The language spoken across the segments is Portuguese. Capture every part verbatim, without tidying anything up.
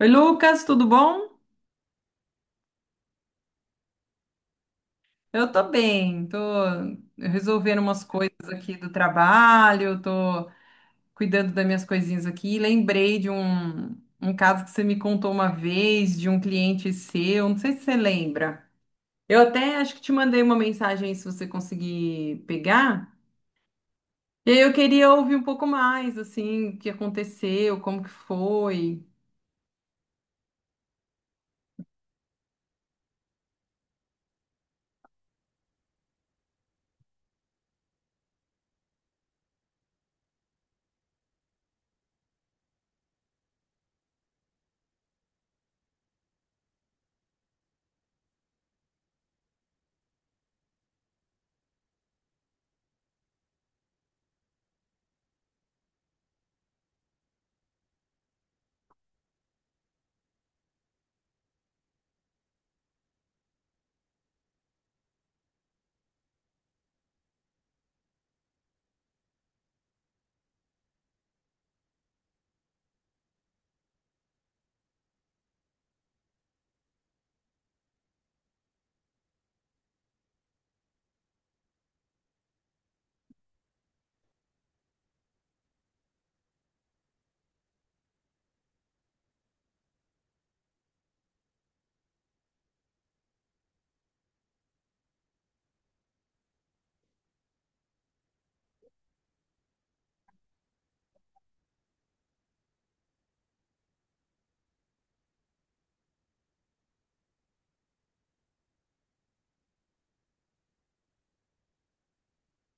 Oi, Lucas, tudo bom? Eu tô bem, tô resolvendo umas coisas aqui do trabalho, tô cuidando das minhas coisinhas aqui. Lembrei de um, um caso que você me contou uma vez, de um cliente seu, não sei se você lembra. Eu até acho que te mandei uma mensagem aí, se você conseguir pegar. E aí eu queria ouvir um pouco mais, assim, o que aconteceu, como que foi.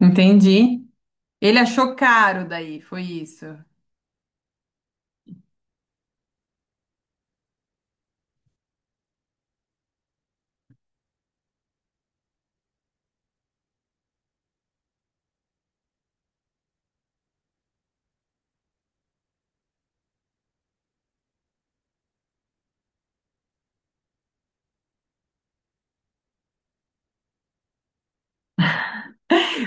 Entendi. Ele achou caro daí, foi isso.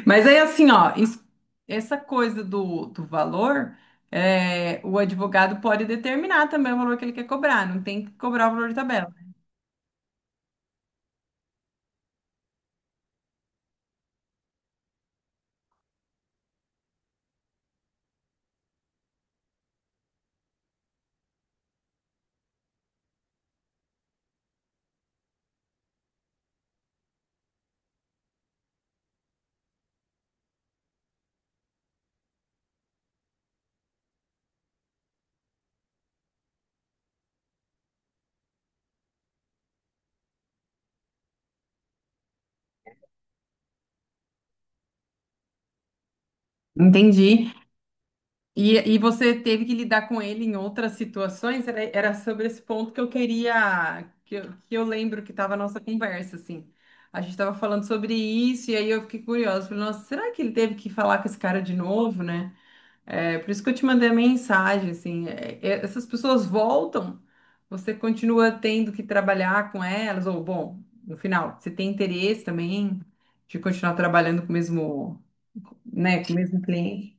Mas aí, assim, ó, isso- essa coisa do, do valor, é, o advogado pode determinar também o valor que ele quer cobrar, não tem que cobrar o valor de tabela. Entendi. E, e você teve que lidar com ele em outras situações? Era, era sobre esse ponto que eu queria, que eu, que eu lembro que estava a nossa conversa, assim. A gente estava falando sobre isso, e aí eu fiquei curiosa. Falei, nossa, será que ele teve que falar com esse cara de novo, né? É por isso que eu te mandei a mensagem, assim, é, é, essas pessoas voltam, você continua tendo que trabalhar com elas, ou, bom, no final, você tem interesse também de continuar trabalhando com o mesmo, né, com o mesmo cliente.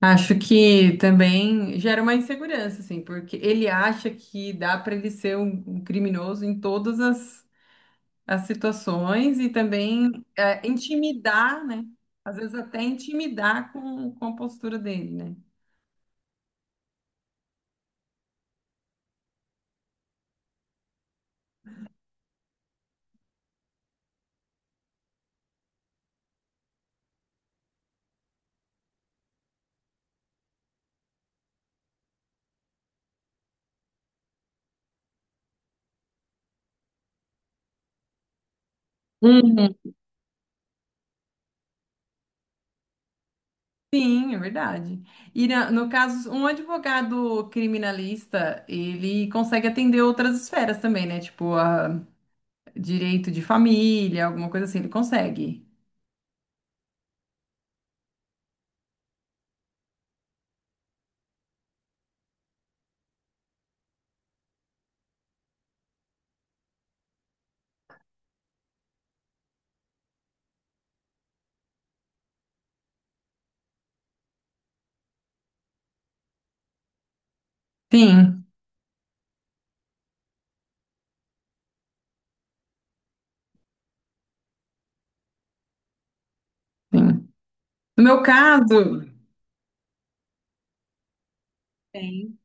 Acho que também gera uma insegurança, assim, porque ele acha que dá para ele ser um, um criminoso em todas as, as situações e também é, intimidar, né? Às vezes até intimidar com, com a postura dele, né? Uhum. Sim, é verdade. E na- no caso, um advogado criminalista, ele consegue atender outras esferas também, né? Tipo, a- direito de família, alguma coisa assim, ele consegue. Sim, sim. No meu caso, tem.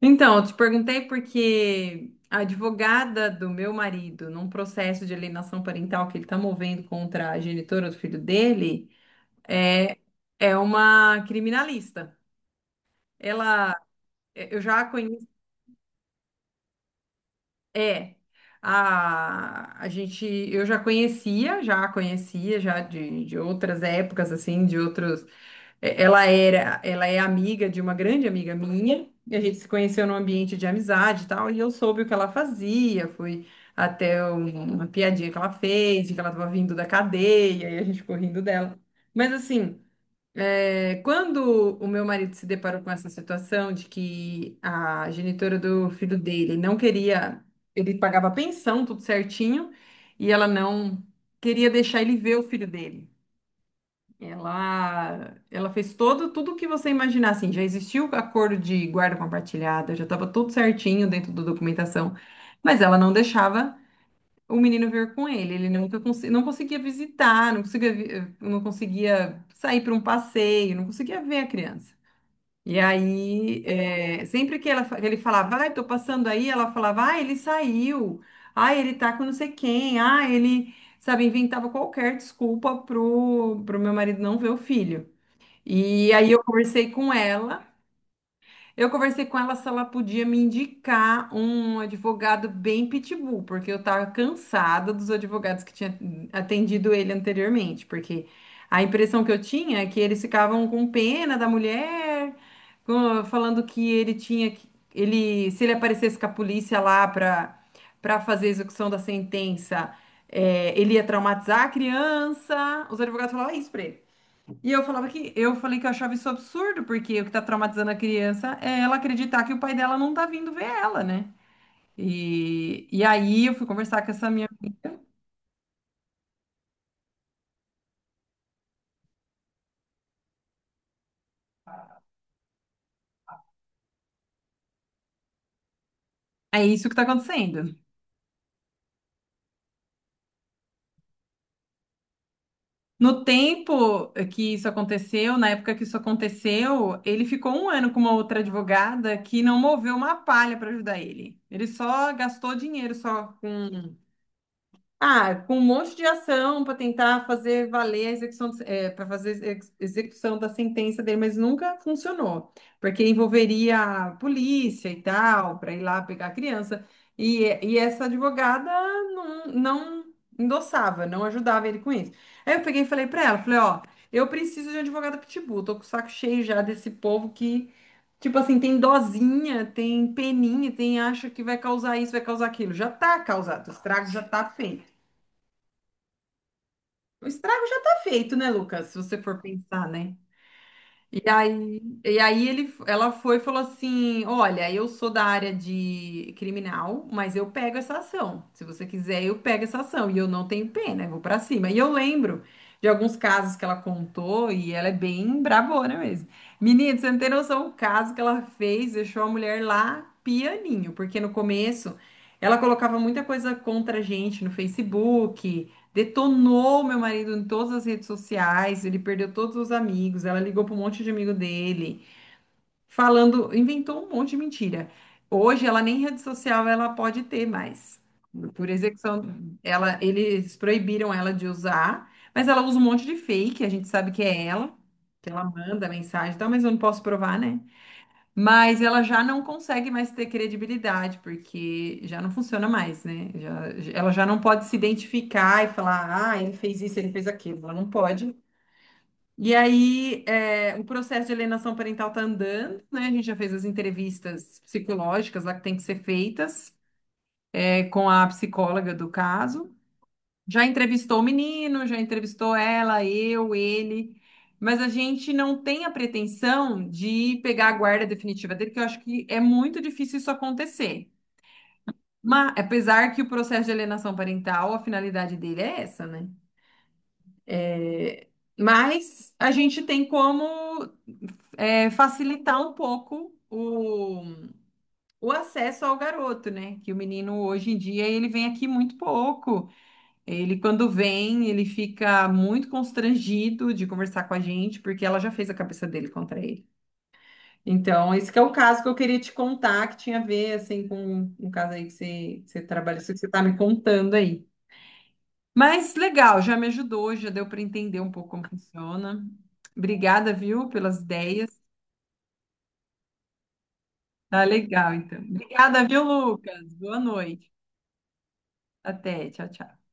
Então, eu te perguntei porque a advogada do meu marido, num processo de alienação parental que ele está movendo contra a genitora do filho dele, é, é uma criminalista. Ela, eu já a conheço. É, a, a gente, eu já conhecia, já conhecia, já de, de outras épocas, assim, de outros, é, ela era, ela é amiga de uma grande amiga minha, e a gente se conheceu num ambiente de amizade e tal, e eu soube o que ela fazia, fui até um- uma piadinha que ela fez, de que ela estava vindo da cadeia, e a gente ficou rindo dela, mas assim... É, quando o meu marido se deparou com essa situação de que a genitora do filho dele não queria, ele pagava pensão, tudo certinho, e ela não queria deixar ele ver o filho dele. Ela, ela fez todo, tudo o que você imaginar, assim, já existiu o acordo de guarda compartilhada, já estava tudo certinho dentro da documentação, mas ela não deixava o menino veio com ele. Ele nunca conse- não conseguia visitar, não conseguia, vi- eh, não conseguia sair para um passeio, não conseguia ver a criança. E aí, é, sempre que ela, fa- ele falava, ai, tô passando aí, ela falava, ah, ele saiu, ah, ele tá com não sei quem, ah, ele, sabe, inventava qualquer desculpa pro, pro meu marido não ver o filho. E aí eu conversei com ela. Eu conversei com ela se ela podia me indicar um advogado bem pitbull, porque eu estava cansada dos advogados que tinha atendido ele anteriormente, porque a impressão que eu tinha é que eles ficavam com pena da mulher, com- falando que ele tinha que ele, se ele aparecesse com a polícia lá para para fazer a execução da sentença, eh, ele ia traumatizar a criança. Os advogados falavam isso para ele. E eu falava que eu falei que eu achava isso absurdo, porque o que tá traumatizando a criança é ela acreditar que o pai dela não tá vindo ver ela, né? E, e aí eu fui conversar com essa minha amiga. É isso que tá acontecendo. No tempo que isso aconteceu, na época que isso aconteceu, ele ficou um ano com uma outra advogada que não moveu uma palha para ajudar ele. Ele só gastou dinheiro só com ah, com um monte de ação para tentar fazer valer a execução, para fazer ex- execução da sentença dele, mas nunca funcionou, porque envolveria a polícia e tal, para ir lá pegar a criança. E, e essa advogada não, não endossava, não ajudava ele com isso. Aí eu peguei e falei para ela, falei, ó, eu preciso de um advogado pitbull, tô com o saco cheio já desse povo que, tipo assim, tem dozinha, tem peninha, tem acha que vai causar isso, vai causar aquilo. Já tá causado, o estrago já tá feito. O estrago já tá feito, né, Lucas? Se você for pensar, né? E aí, e aí ele, ela foi e falou assim: Olha, eu sou da área de criminal, mas eu pego essa ação. Se você quiser, eu pego essa ação. E eu não tenho pena, eu vou pra cima. E eu lembro de alguns casos que ela contou e ela é bem brabona mesmo. Menino, você não tem noção o caso que ela fez, deixou a mulher lá pianinho, porque no começo ela colocava muita coisa contra a gente no Facebook. Detonou meu marido em todas as redes sociais, ele perdeu todos os amigos, ela ligou para um monte de amigo dele, falando, inventou um monte de mentira. Hoje ela nem rede social ela pode ter mais. Por execução, ela, eles proibiram ela de usar, mas ela usa um monte de fake, a gente sabe que é ela, que ela manda mensagem e tal, mas eu não posso provar, né? Mas ela já não consegue mais ter credibilidade, porque já não funciona mais, né? Já- ela já não pode se identificar e falar, ah, ele fez isso, ele fez aquilo. Ela não pode. E aí, é, o processo de alienação parental tá andando, né? A gente já fez as entrevistas psicológicas lá que tem que ser feitas, é, com a psicóloga do caso. Já entrevistou o menino, já entrevistou ela, eu, ele, mas a gente não tem a pretensão de pegar a guarda definitiva dele, que eu acho que é muito difícil isso acontecer. Mas, apesar que o processo de alienação parental, a finalidade dele é essa, né? É, mas a gente tem como é, facilitar um pouco o, o acesso ao garoto, né? Que o menino hoje em dia ele vem aqui muito pouco. Ele, quando vem, ele fica muito constrangido de conversar com a gente, porque ela já fez a cabeça dele contra ele. Então, esse que é o caso que eu queria te contar, que tinha a ver, assim, com o caso aí que você, que você trabalha, isso que você tá me contando aí. Mas, legal, já me ajudou, já deu para entender um pouco como funciona. Obrigada, viu, pelas ideias. Tá legal, então. Obrigada, viu, Lucas? Boa noite. Até, tchau, tchau.